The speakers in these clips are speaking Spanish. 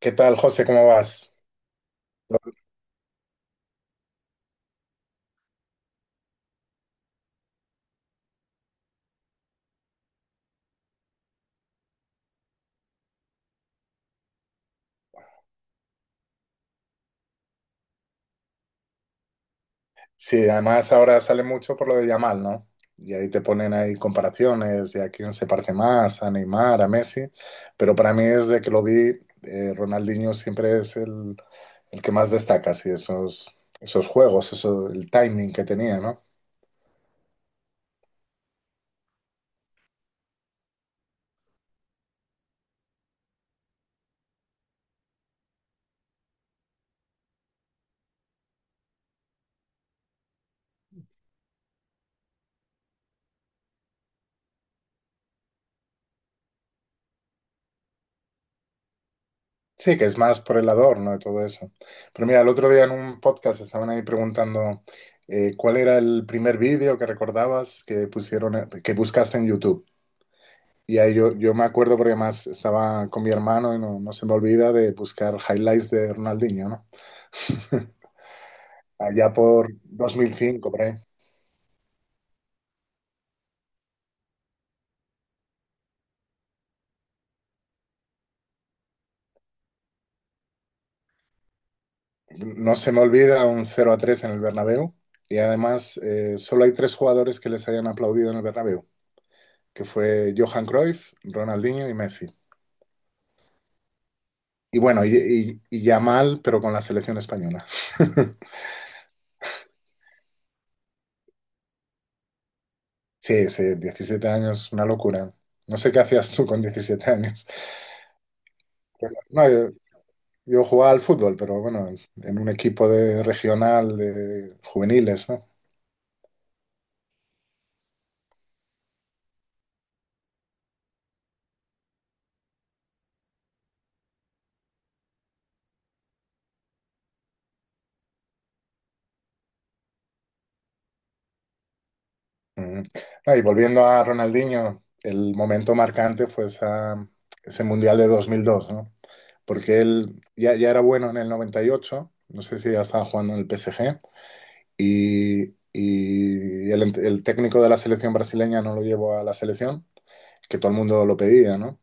¿Qué tal, José? ¿Cómo vas? Sí, además ahora sale mucho por lo de Yamal, ¿no? Y ahí te ponen ahí comparaciones de a quién se parece más, a Neymar, a Messi. Pero para mí, desde que lo vi, Ronaldinho siempre es el que más destaca, sí, esos juegos, eso, el timing que tenía, ¿no? Sí, que es más por el adorno de todo eso. Pero mira, el otro día en un podcast estaban ahí preguntando cuál era el primer vídeo que recordabas que pusieron, que buscaste en YouTube. Y ahí yo me acuerdo porque más estaba con mi hermano y no se me olvida de buscar highlights de Ronaldinho, ¿no? Allá por 2005, por ahí. No se me olvida un cero a 3 en el Bernabéu. Y además, solo hay tres jugadores que les hayan aplaudido en el Bernabéu, que fue Johan Cruyff, Ronaldinho y Messi. Y bueno, y ya mal, pero con la selección española. Sí, sí, 17 años, una locura. No sé qué hacías tú con 17 años. Pero no, yo jugaba al fútbol, pero bueno, en un equipo de regional de juveniles, ¿no? Ujú. Ah, y volviendo a Ronaldinho, el momento marcante fue ese Mundial de 2002, ¿no? Porque él ya era bueno en el 98, no sé si ya estaba jugando en el PSG, el técnico de la selección brasileña no lo llevó a la selección, que todo el mundo lo pedía, ¿no?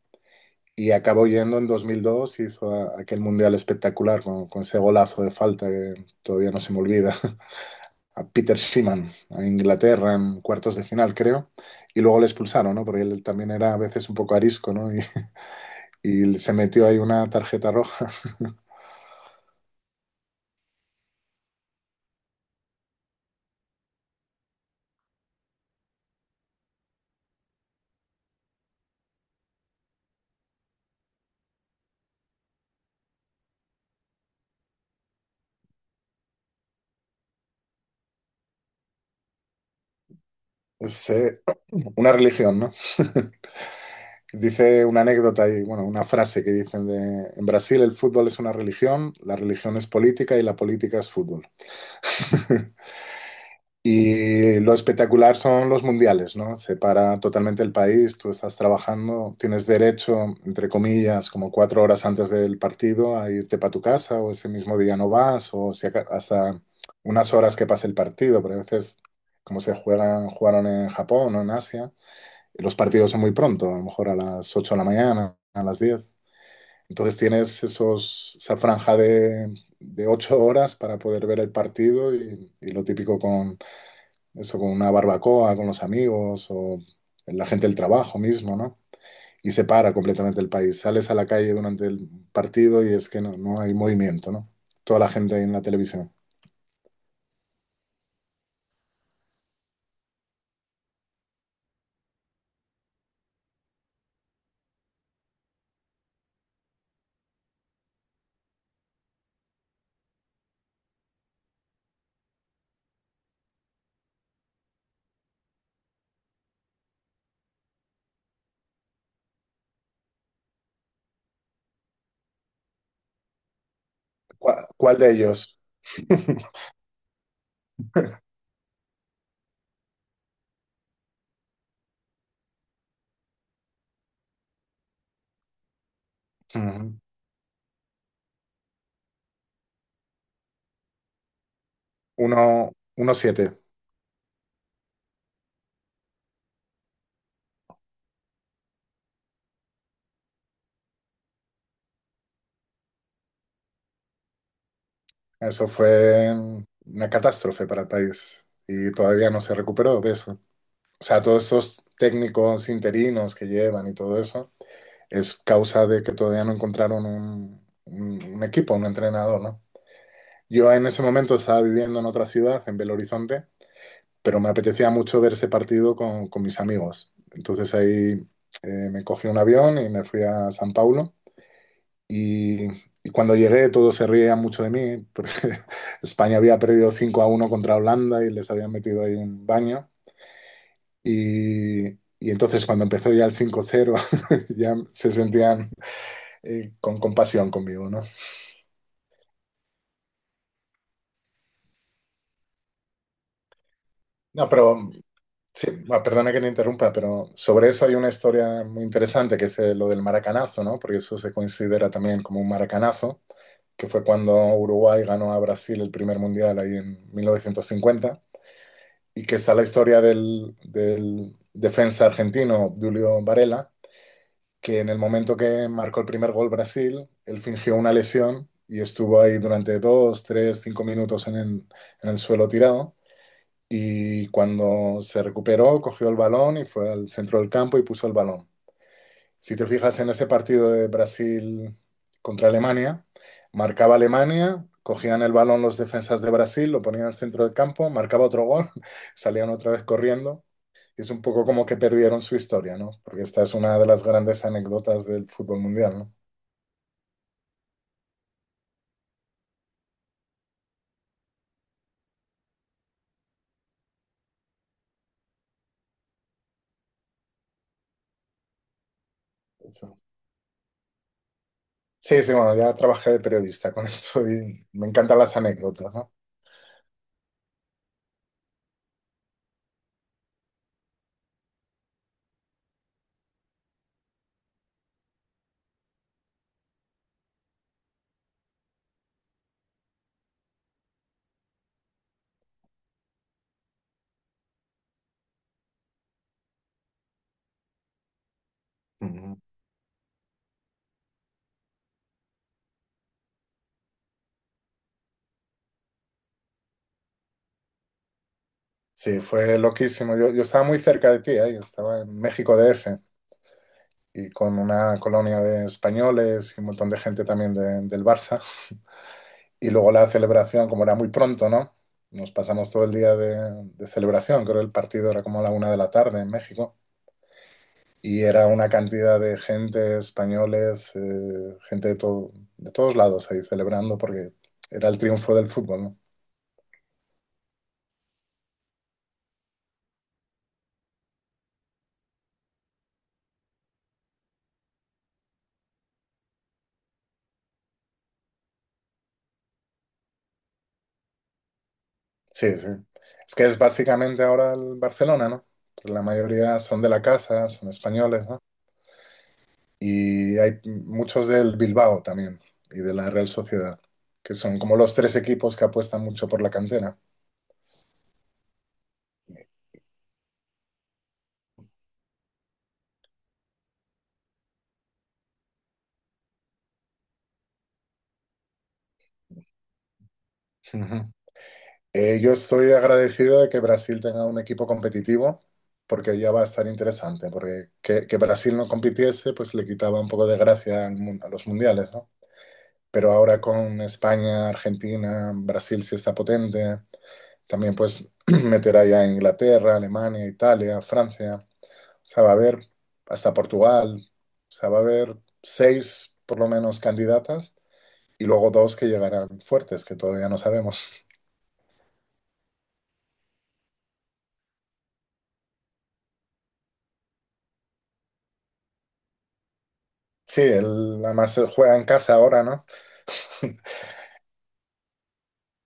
Y acabó yendo en 2002, hizo aquel mundial espectacular con ese golazo de falta que todavía no se me olvida, a Peter Schiemann, a Inglaterra en cuartos de final, creo, y luego le expulsaron, ¿no? Porque él también era a veces un poco arisco, ¿no? Y, Y se metió ahí una tarjeta roja. Es una religión, ¿no? Dice una anécdota y, bueno, una frase que dicen de, en Brasil el fútbol es una religión, la religión es política y la política es fútbol. Y lo espectacular son los mundiales, ¿no? Separa totalmente el país, tú estás trabajando, tienes derecho, entre comillas, como 4 horas antes del partido a irte para tu casa o ese mismo día no vas o si hasta unas horas que pase el partido, pero a veces como se juegan, jugaron en Japón o en Asia. Los partidos son muy pronto, a lo mejor a las 8 de la mañana, a las 10. Entonces tienes esa franja de 8 horas para poder ver el partido y lo típico con eso, con una barbacoa, con los amigos o la gente del trabajo mismo, ¿no? Y se para completamente el país. Sales a la calle durante el partido y es que no hay movimiento, ¿no? Toda la gente ahí en la televisión. ¿Cuál, cuál de ellos? Uno, uno siete. Eso fue una catástrofe para el país y todavía no se recuperó de eso. O sea, todos esos técnicos interinos que llevan y todo eso es causa de que todavía no encontraron un equipo, un entrenador, ¿no? Yo en ese momento estaba viviendo en otra ciudad, en Belo Horizonte, pero me apetecía mucho ver ese partido con mis amigos. Entonces ahí me cogí un avión y me fui a San Paulo y, y cuando llegué, todos se reían mucho de mí, porque España había perdido 5 a 1 contra Holanda y les habían metido ahí un baño. Y, y entonces, cuando empezó ya el cinco cero ya se sentían con compasión conmigo, ¿no? No, pero sí, bueno, perdona que te interrumpa, pero sobre eso hay una historia muy interesante que es lo del maracanazo, ¿no? Porque eso se considera también como un maracanazo, que fue cuando Uruguay ganó a Brasil el primer mundial ahí en 1950. Y que está la historia del, del defensa argentino Julio Varela, que en el momento que marcó el primer gol Brasil, él fingió una lesión y estuvo ahí durante dos, tres, 5 minutos en el suelo tirado. Y cuando se recuperó, cogió el balón y fue al centro del campo y puso el balón. Si te fijas en ese partido de Brasil contra Alemania, marcaba Alemania, cogían el balón los defensas de Brasil, lo ponían al centro del campo, marcaba otro gol, salían otra vez corriendo, es un poco como que perdieron su historia, ¿no? Porque esta es una de las grandes anécdotas del fútbol mundial, ¿no? Eso. Sí, sí, bueno, ya trabajé de periodista con esto y me encantan las anécdotas, ¿no? Ujú. Sí, fue loquísimo. Yo estaba muy cerca de ti, ¿eh? Yo estaba en México DF y con una colonia de españoles y un montón de gente también del Barça. Y luego la celebración, como era muy pronto, ¿no? Nos pasamos todo el día de celebración, creo que el partido era como a la una de la tarde en México. Y era una cantidad de gente, españoles, gente de, todo, de todos lados ahí celebrando porque era el triunfo del fútbol, ¿no? Sí, sí. Es que es básicamente ahora el Barcelona, ¿no? Pero la mayoría son de la casa, son españoles, ¿no? Y hay muchos del Bilbao también y de la Real Sociedad, que son como los tres equipos que apuestan mucho por la cantera. Ujú. Yo estoy agradecido de que Brasil tenga un equipo competitivo, porque ya va a estar interesante, porque que Brasil no compitiese, pues le quitaba un poco de gracia al a los mundiales, ¿no? Pero ahora con España, Argentina, Brasil sí está potente, también pues meterá ya a Inglaterra, Alemania, Italia, Francia, o sea, va a haber hasta Portugal, o sea, va a haber seis por lo menos candidatas y luego dos que llegarán fuertes, que todavía no sabemos. Sí, él además él juega en casa ahora, ¿no?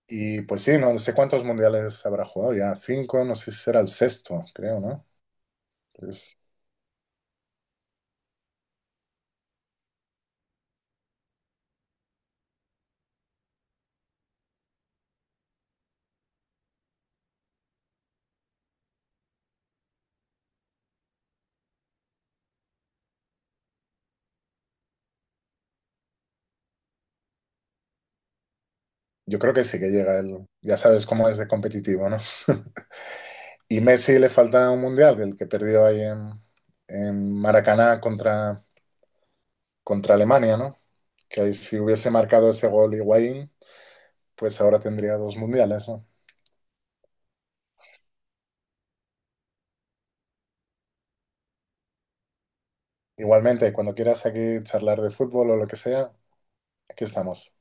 Y pues sí, no no sé cuántos mundiales habrá jugado ya, cinco, no sé si será el sexto, creo, ¿no? Pues, yo creo que sí que llega él, ya sabes cómo es de competitivo, ¿no? Y Messi le falta un mundial, el que perdió ahí en Maracaná contra, contra Alemania, ¿no? Que ahí si hubiese marcado ese gol Higuaín, pues ahora tendría 2 mundiales, ¿no? Igualmente, cuando quieras aquí charlar de fútbol o lo que sea, aquí estamos.